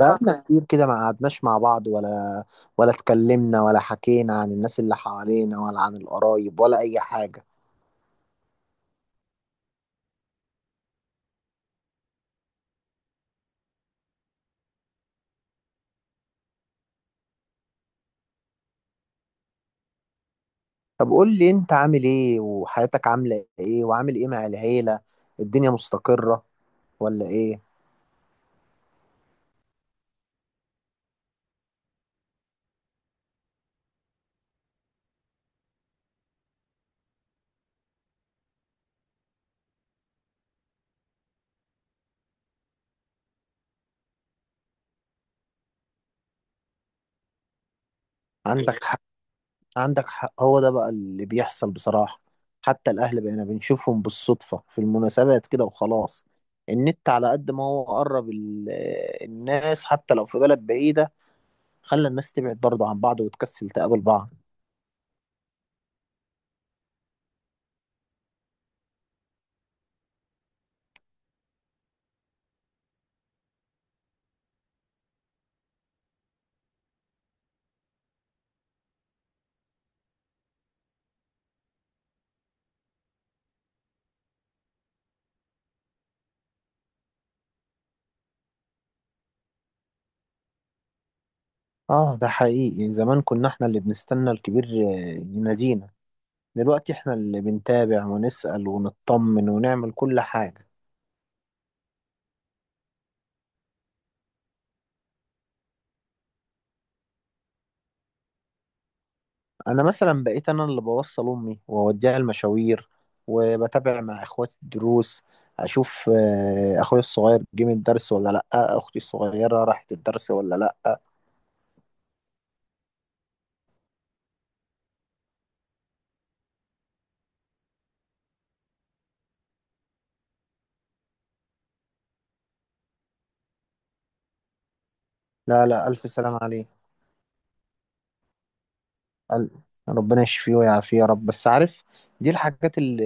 بقالنا كتير كده ما قعدناش مع بعض ولا اتكلمنا، ولا حكينا عن الناس اللي حوالينا، ولا عن القرايب، ولا أي حاجة. طب قول لي أنت عامل إيه، وحياتك عاملة إيه، وعامل إيه مع العيلة؟ الدنيا مستقرة ولا إيه؟ عندك حق. عندك حق، هو ده بقى اللي بيحصل بصراحة. حتى الأهل بقينا بنشوفهم بالصدفة في المناسبات كده وخلاص. النت على قد ما هو قرب ال-، الناس حتى لو في بلد بعيدة، خلى الناس تبعد برضه عن بعض وتكسل تقابل بعض. اه، ده حقيقي. زمان كنا احنا اللي بنستنى الكبير ينادينا، دلوقتي احنا اللي بنتابع ونسأل ونطمن ونعمل كل حاجة. انا مثلا بقيت انا اللي بوصل امي واوديها المشاوير، وبتابع مع اخواتي الدروس، اشوف اخويا الصغير جه من الدرس ولا لا، اختي الصغيرة راحت الدرس ولا لا. لا لا، الف سلام عليك. قال- ربنا يشفيه ويعافيه يا رب. بس عارف، دي الحاجات اللي,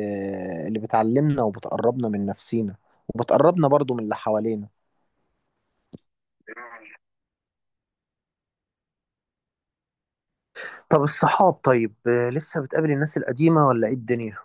اللي بتعلمنا وبتقربنا من نفسينا، وبتقربنا برضو من اللي حوالينا. طب الصحاب؟ طيب لسه بتقابل الناس القديمة ولا ايه الدنيا؟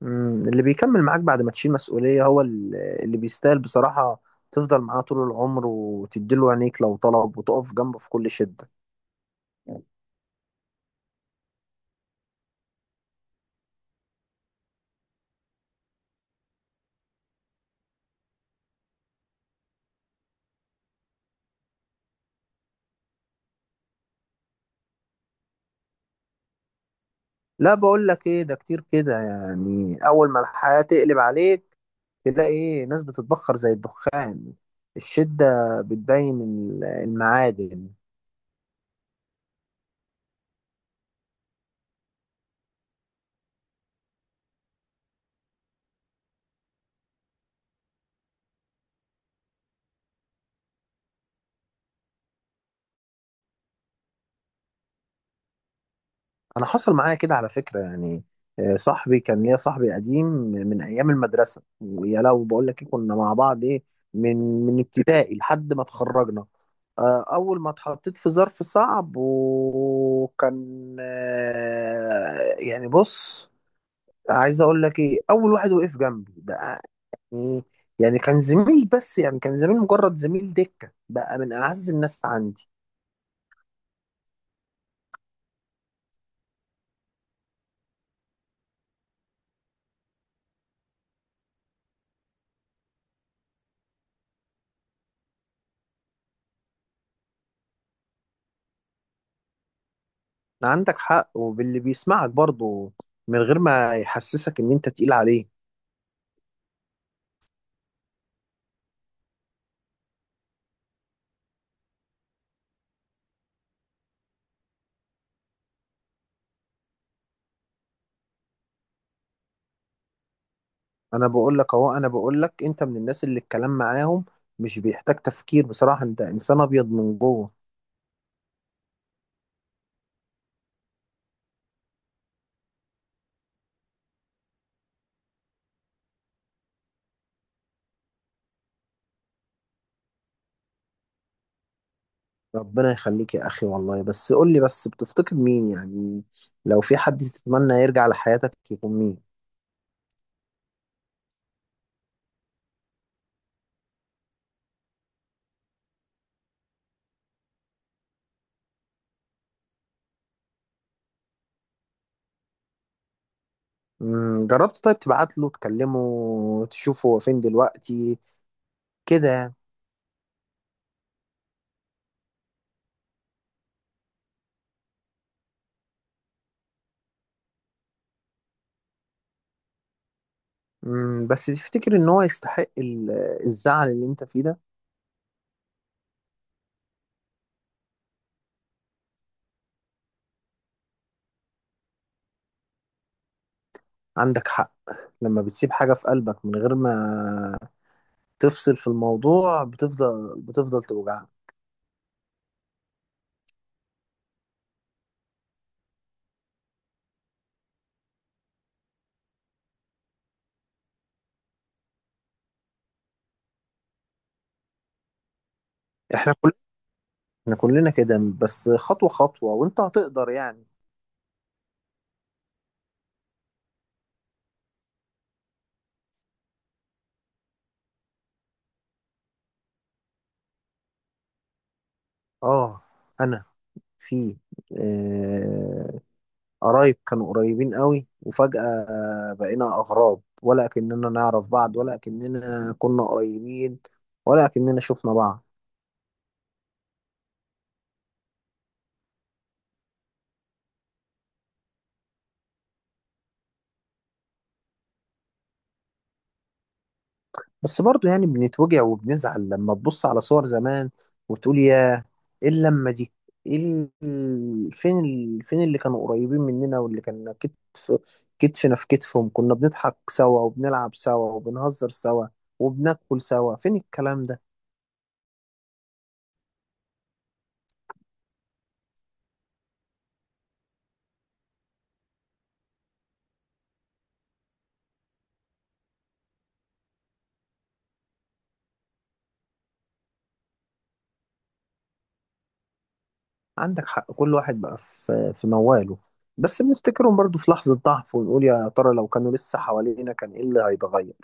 مم، اللي بيكمل معاك بعد ما تشيل مسؤولية هو اللي بيستاهل بصراحة تفضل معاه طول العمر، وتديله عينيك لو طلب، وتقف جنبه في كل شدة. لا، بقول لك ايه، ده كتير كده. يعني اول ما الحياة تقلب عليك تلاقي ايه، ناس بتتبخر زي الدخان. الشدة بتبين المعادن. انا حصل معايا كده على فكرة يعني. صاحبي كان ليا، صاحبي قديم من ايام المدرسة، ويا لو بقول لك إيه، كنا مع بعض ايه. من من ابتدائي لحد ما اتخرجنا. اول ما اتحطيت في ظرف صعب وكان يعني بص، عايز اقول لك ايه، اول واحد وقف جنبي ده، مم. يعني كان زميل، بس يعني كان زميل، مجرد زميل دكة، بقى من أعز الناس عندي. عندك حق. وباللي بيسمعك برضه من غير ما يحسسك إن أنت تقيل عليه. أنا بقول لك أهو، أنا بقول لك، أنت من الناس اللي الكلام معاهم مش بيحتاج تفكير بصراحة. أنت إنسان أبيض من جوه. ربنا يخليك يا أخي والله. بس قول لي، بس بتفتقد مين يعني؟ لو في حد تتمنى يرجع لحياتك، يكون مين؟ مم. جربت طيب تبعت له، تكلمه، تشوفه هو فين دلوقتي كده يعني. مم، بس تفتكر ان هو يستحق الزعل اللي انت فيه ده؟ عندك حق. لما بتسيب حاجة في قلبك من غير ما تفصل في الموضوع، بتفضل توجعك. احنا كل احنا كلنا كده. بس خطوة خطوة وانت هتقدر يعني. اه، انا في آه، قرايب كانوا قريبين قوي، وفجأة بقينا اغراب، ولا كأننا نعرف بعض، ولا كأننا كنا قريبين، ولا كأننا شفنا بعض. بس برضو يعني بنتوجع وبنزعل لما تبص على صور زمان وتقول، يا ايه اللمة دي؟ ايه فين ال... فين اللي كانوا قريبين مننا، واللي كان كتف كتفنا في كتفهم، كنا بنضحك سوا، وبنلعب سوا، وبنهزر سوا، وبناكل سوا؟ فين الكلام ده؟ عندك حق. كل واحد بقى في مواله. بس بنفتكرهم برضو في لحظة ضعف، ونقول يا ترى لو كانوا لسه حوالينا، كان ايه اللي هيتغير؟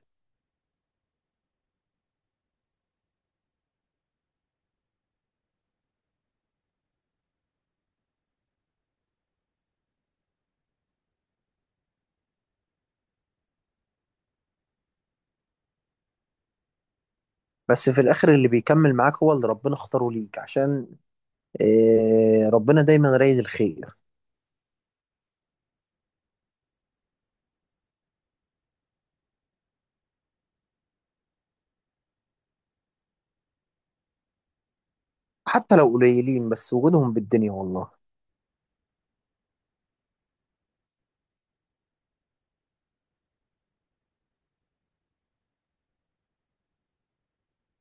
بس في الاخر، اللي بيكمل معاك هو اللي ربنا اختاره ليك، عشان إيه، ربنا دايما رايد الخير. حتى لو قليلين، بس وجودهم بالدنيا والله.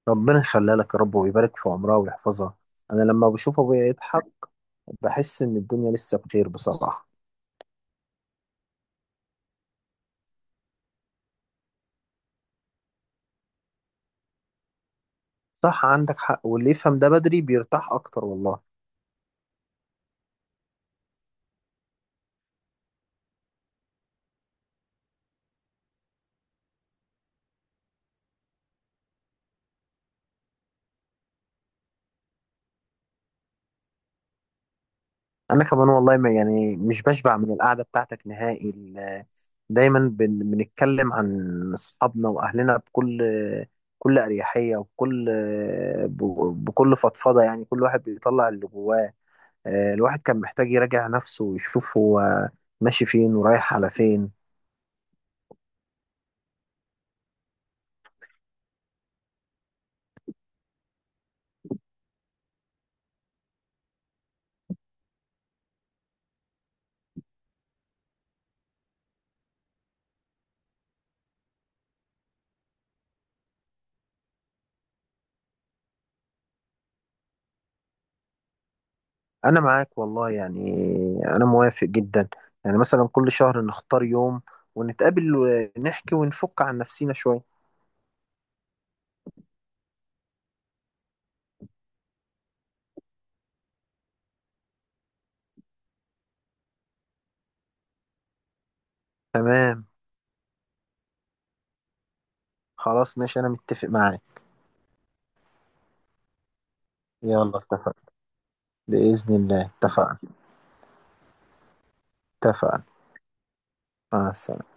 ربنا يخليها لك يا رب، ويبارك في عمرها ويحفظها. انا لما بشوف ابويا يضحك بحس ان الدنيا لسه بخير بصراحة. صح، عندك حق. واللي يفهم ده بدري بيرتاح اكتر والله. انا كمان والله، ما يعني مش بشبع من القعدة بتاعتك نهائي. دايما بنتكلم عن اصحابنا واهلنا بكل، اريحية، وبكل، بكل فضفضة. يعني كل واحد بيطلع اللي جواه. الواحد كان محتاج يراجع نفسه، ويشوف هو ماشي فين ورايح على فين. انا معاك والله يعني، انا موافق جدا. يعني مثلا كل شهر نختار يوم ونتقابل ونحكي ونفك عن نفسينا شوية. تمام. خلاص ماشي، انا متفق معاك. يلا، اتفقنا. بإذن الله اتفقنا. اتفقنا، مع السلامة.